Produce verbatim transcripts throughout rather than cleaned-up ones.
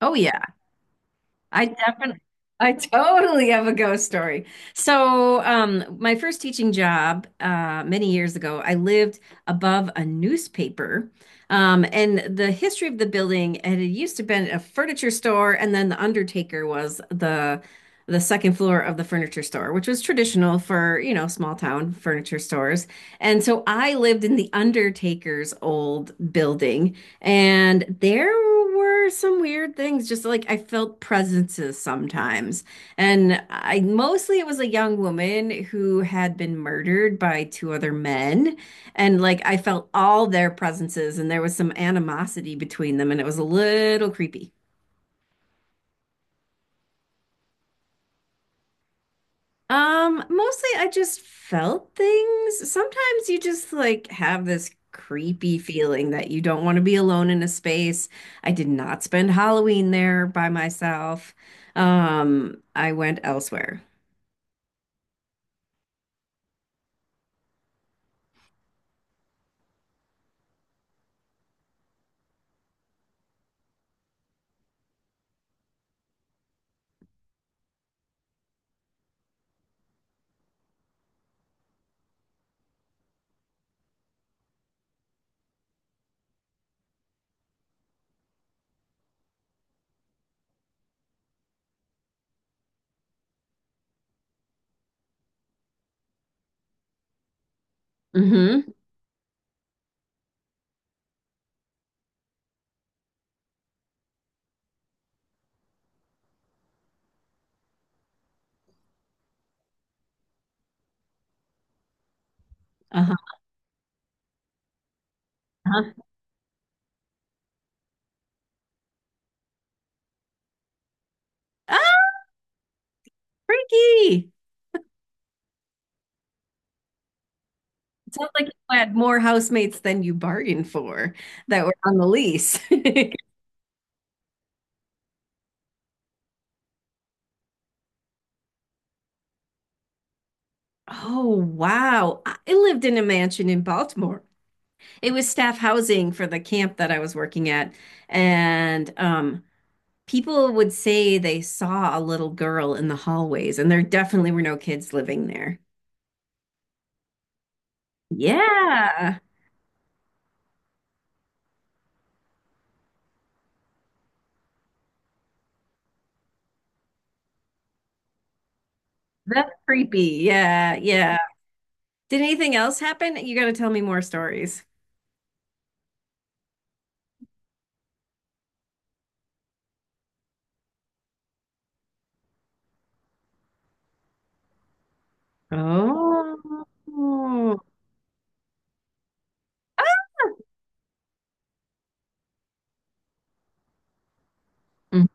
Oh yeah, I definitely, I totally have a ghost story. So, um, my first teaching job, uh, many years ago, I lived above a newspaper, um, and the history of the building, and it had used to been a furniture store, and then the undertaker was the the second floor of the furniture store, which was traditional for, you know, small town furniture stores. And so I lived in the undertaker's old building. And there were some weird things, just like I felt presences sometimes. And I mostly it was a young woman who had been murdered by two other men. And like I felt all their presences, and there was some animosity between them, and it was a little creepy. Um, mostly I just felt things. Sometimes you just like have this creepy feeling that you don't want to be alone in a space. I did not spend Halloween there by myself. Um, I went elsewhere. Mm-hmm. Uh-huh. Uh-huh. Ah, freaky. It sounds like you had more housemates than you bargained for that were on the lease. Oh, wow. I lived in a mansion in Baltimore. It was staff housing for the camp that I was working at. And um, people would say they saw a little girl in the hallways, and there definitely were no kids living there. Yeah, that's creepy. Yeah, yeah. Did anything else happen? You got to tell me more stories. Oh. Ah!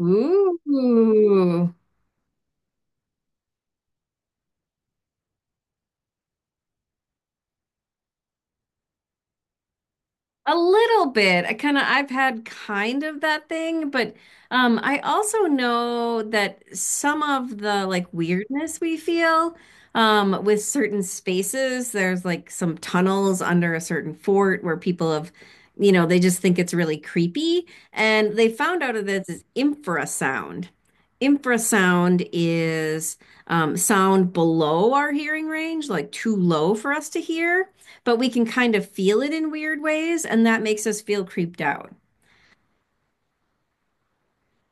Ooh. Ooh. A little bit. I kind of I've had kind of that thing, but um I also know that some of the like weirdness we feel um with certain spaces, there's like some tunnels under a certain fort where people have, you know, they just think it's really creepy and they found out of this is infrasound. Infrasound is um, sound below our hearing range, like too low for us to hear but we can kind of feel it in weird ways, and that makes us feel creeped out.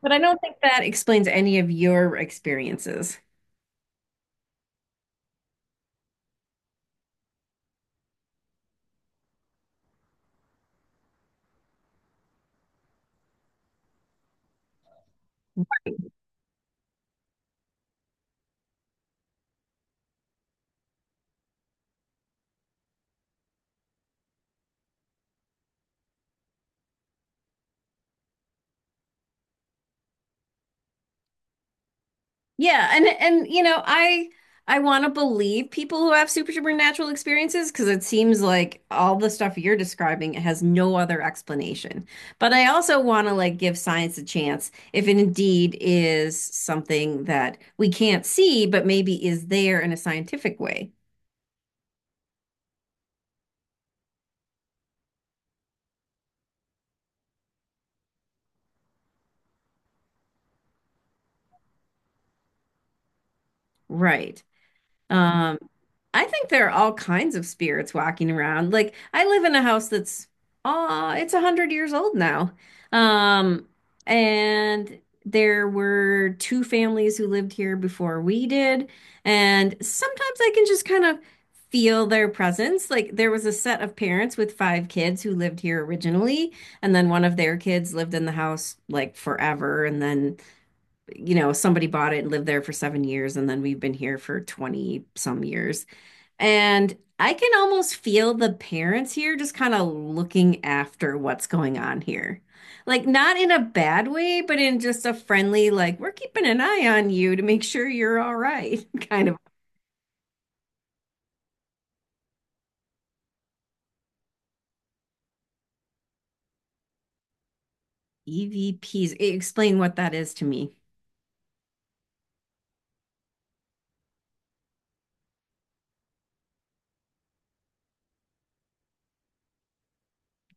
But I don't think that explains any of your experiences. Yeah, and and you know, I I want to believe people who have super supernatural experiences because it seems like all the stuff you're describing has no other explanation. But I also want to like give science a chance if it indeed is something that we can't see, but maybe is there in a scientific way. Right. Um, I think there are all kinds of spirits walking around. Like I live in a house that's uh it's a hundred years old now. Um, and there were two families who lived here before we did, and sometimes I can just kind of feel their presence. Like there was a set of parents with five kids who lived here originally, and then one of their kids lived in the house like forever, and then you know, somebody bought it and lived there for seven years, and then we've been here for twenty some years. And I can almost feel the parents here just kind of looking after what's going on here. Like, not in a bad way, but in just a friendly, like, we're keeping an eye on you to make sure you're all right kind of E V Ps. E- V Ps. E, explain what that is to me.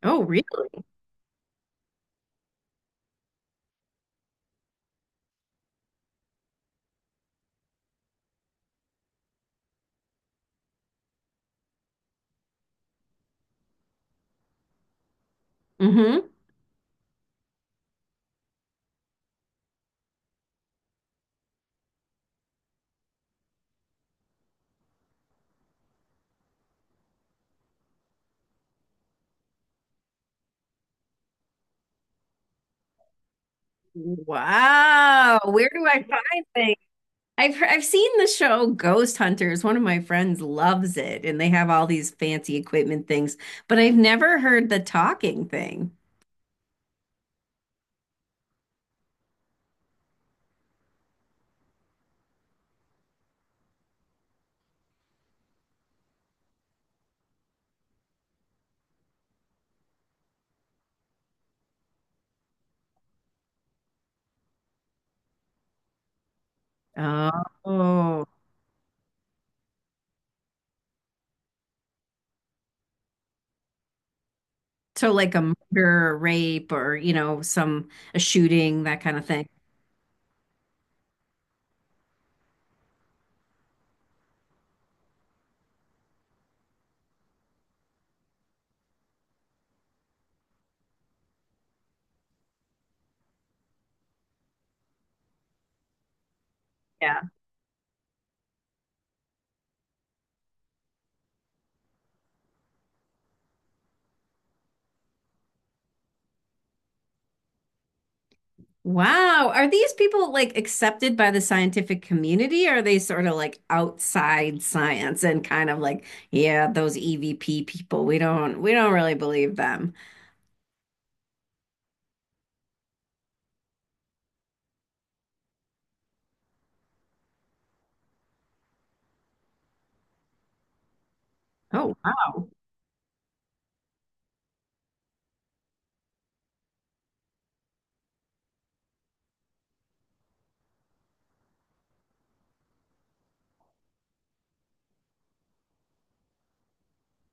Oh, really? Mm-hmm. Wow. Where do I find things? I've heard, I've seen the show Ghost Hunters. One of my friends loves it, and they have all these fancy equipment things, but I've never heard the talking thing. Oh, so like a murder, a rape, or you know, some a shooting, that kind of thing. Yeah. Wow. Are these people like accepted by the scientific community? Or are they sort of like outside science and kind of like, yeah, those E V P people, we don't we don't really believe them. Oh, wow.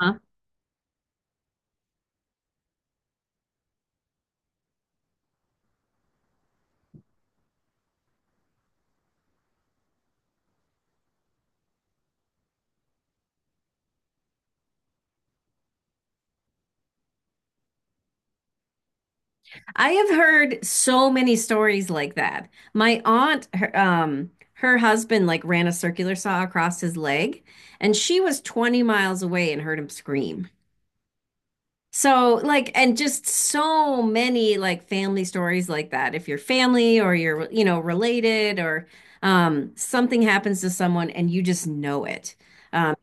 Huh? I have heard so many stories like that. My aunt, her, um, her husband like ran a circular saw across his leg, and she was twenty miles away and heard him scream. So, like, and just so many like family stories like that. If you're family or you're, you know, related or um, something happens to someone and you just know it. Um,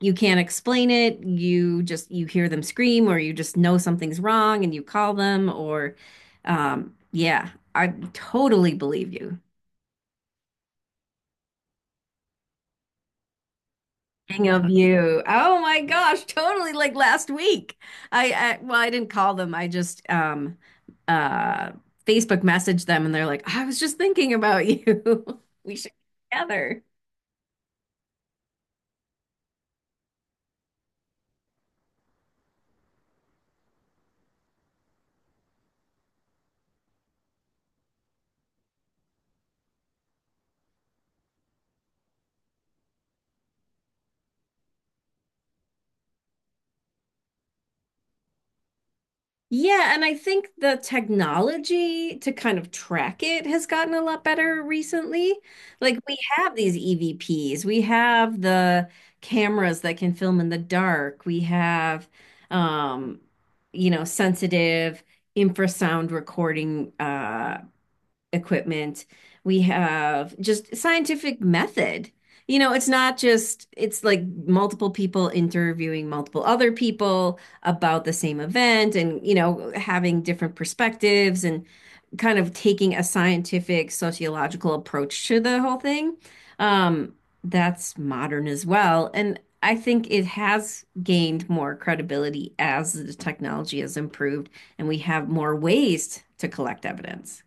you can't explain it. You just, you hear them scream or you just know something's wrong and you call them or, um, yeah, I totally believe you. King of You. Oh my gosh, totally like last week. I, I well, I didn't call them. I just um uh Facebook messaged them and they're like, I was just thinking about you. We should get together. Yeah, and I think the technology to kind of track it has gotten a lot better recently. Like we have these E V Ps, we have the cameras that can film in the dark, we have um, you know, sensitive infrasound recording uh equipment. We have just scientific method. You know, it's not just, it's like multiple people interviewing multiple other people about the same event and, you know, having different perspectives and kind of taking a scientific sociological approach to the whole thing. Um, that's modern as well. And I think it has gained more credibility as the technology has improved and we have more ways to collect evidence.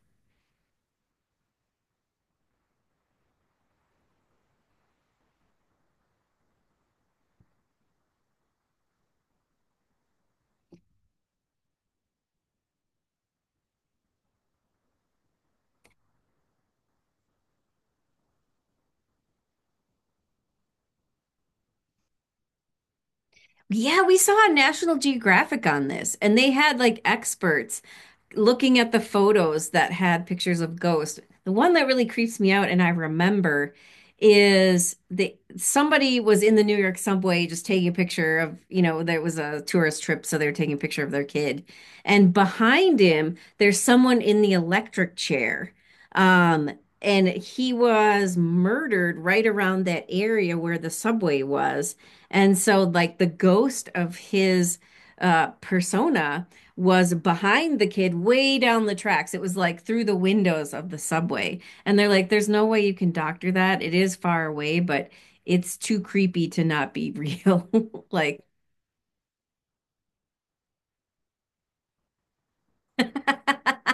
Yeah, we saw a National Geographic on this, and they had like experts looking at the photos that had pictures of ghosts, the one that really creeps me out and I remember is the somebody was in the New York subway just taking a picture of, you know, there was a tourist trip, so they are taking a picture of their kid. And behind him, there's someone in the electric chair. Um, and he was murdered right around that area where the subway was. And so like the ghost of his uh persona was behind the kid way down the tracks. It was like through the windows of the subway. And they're like, there's no way you can doctor that. It is far away, but it's too creepy to not be real. Like,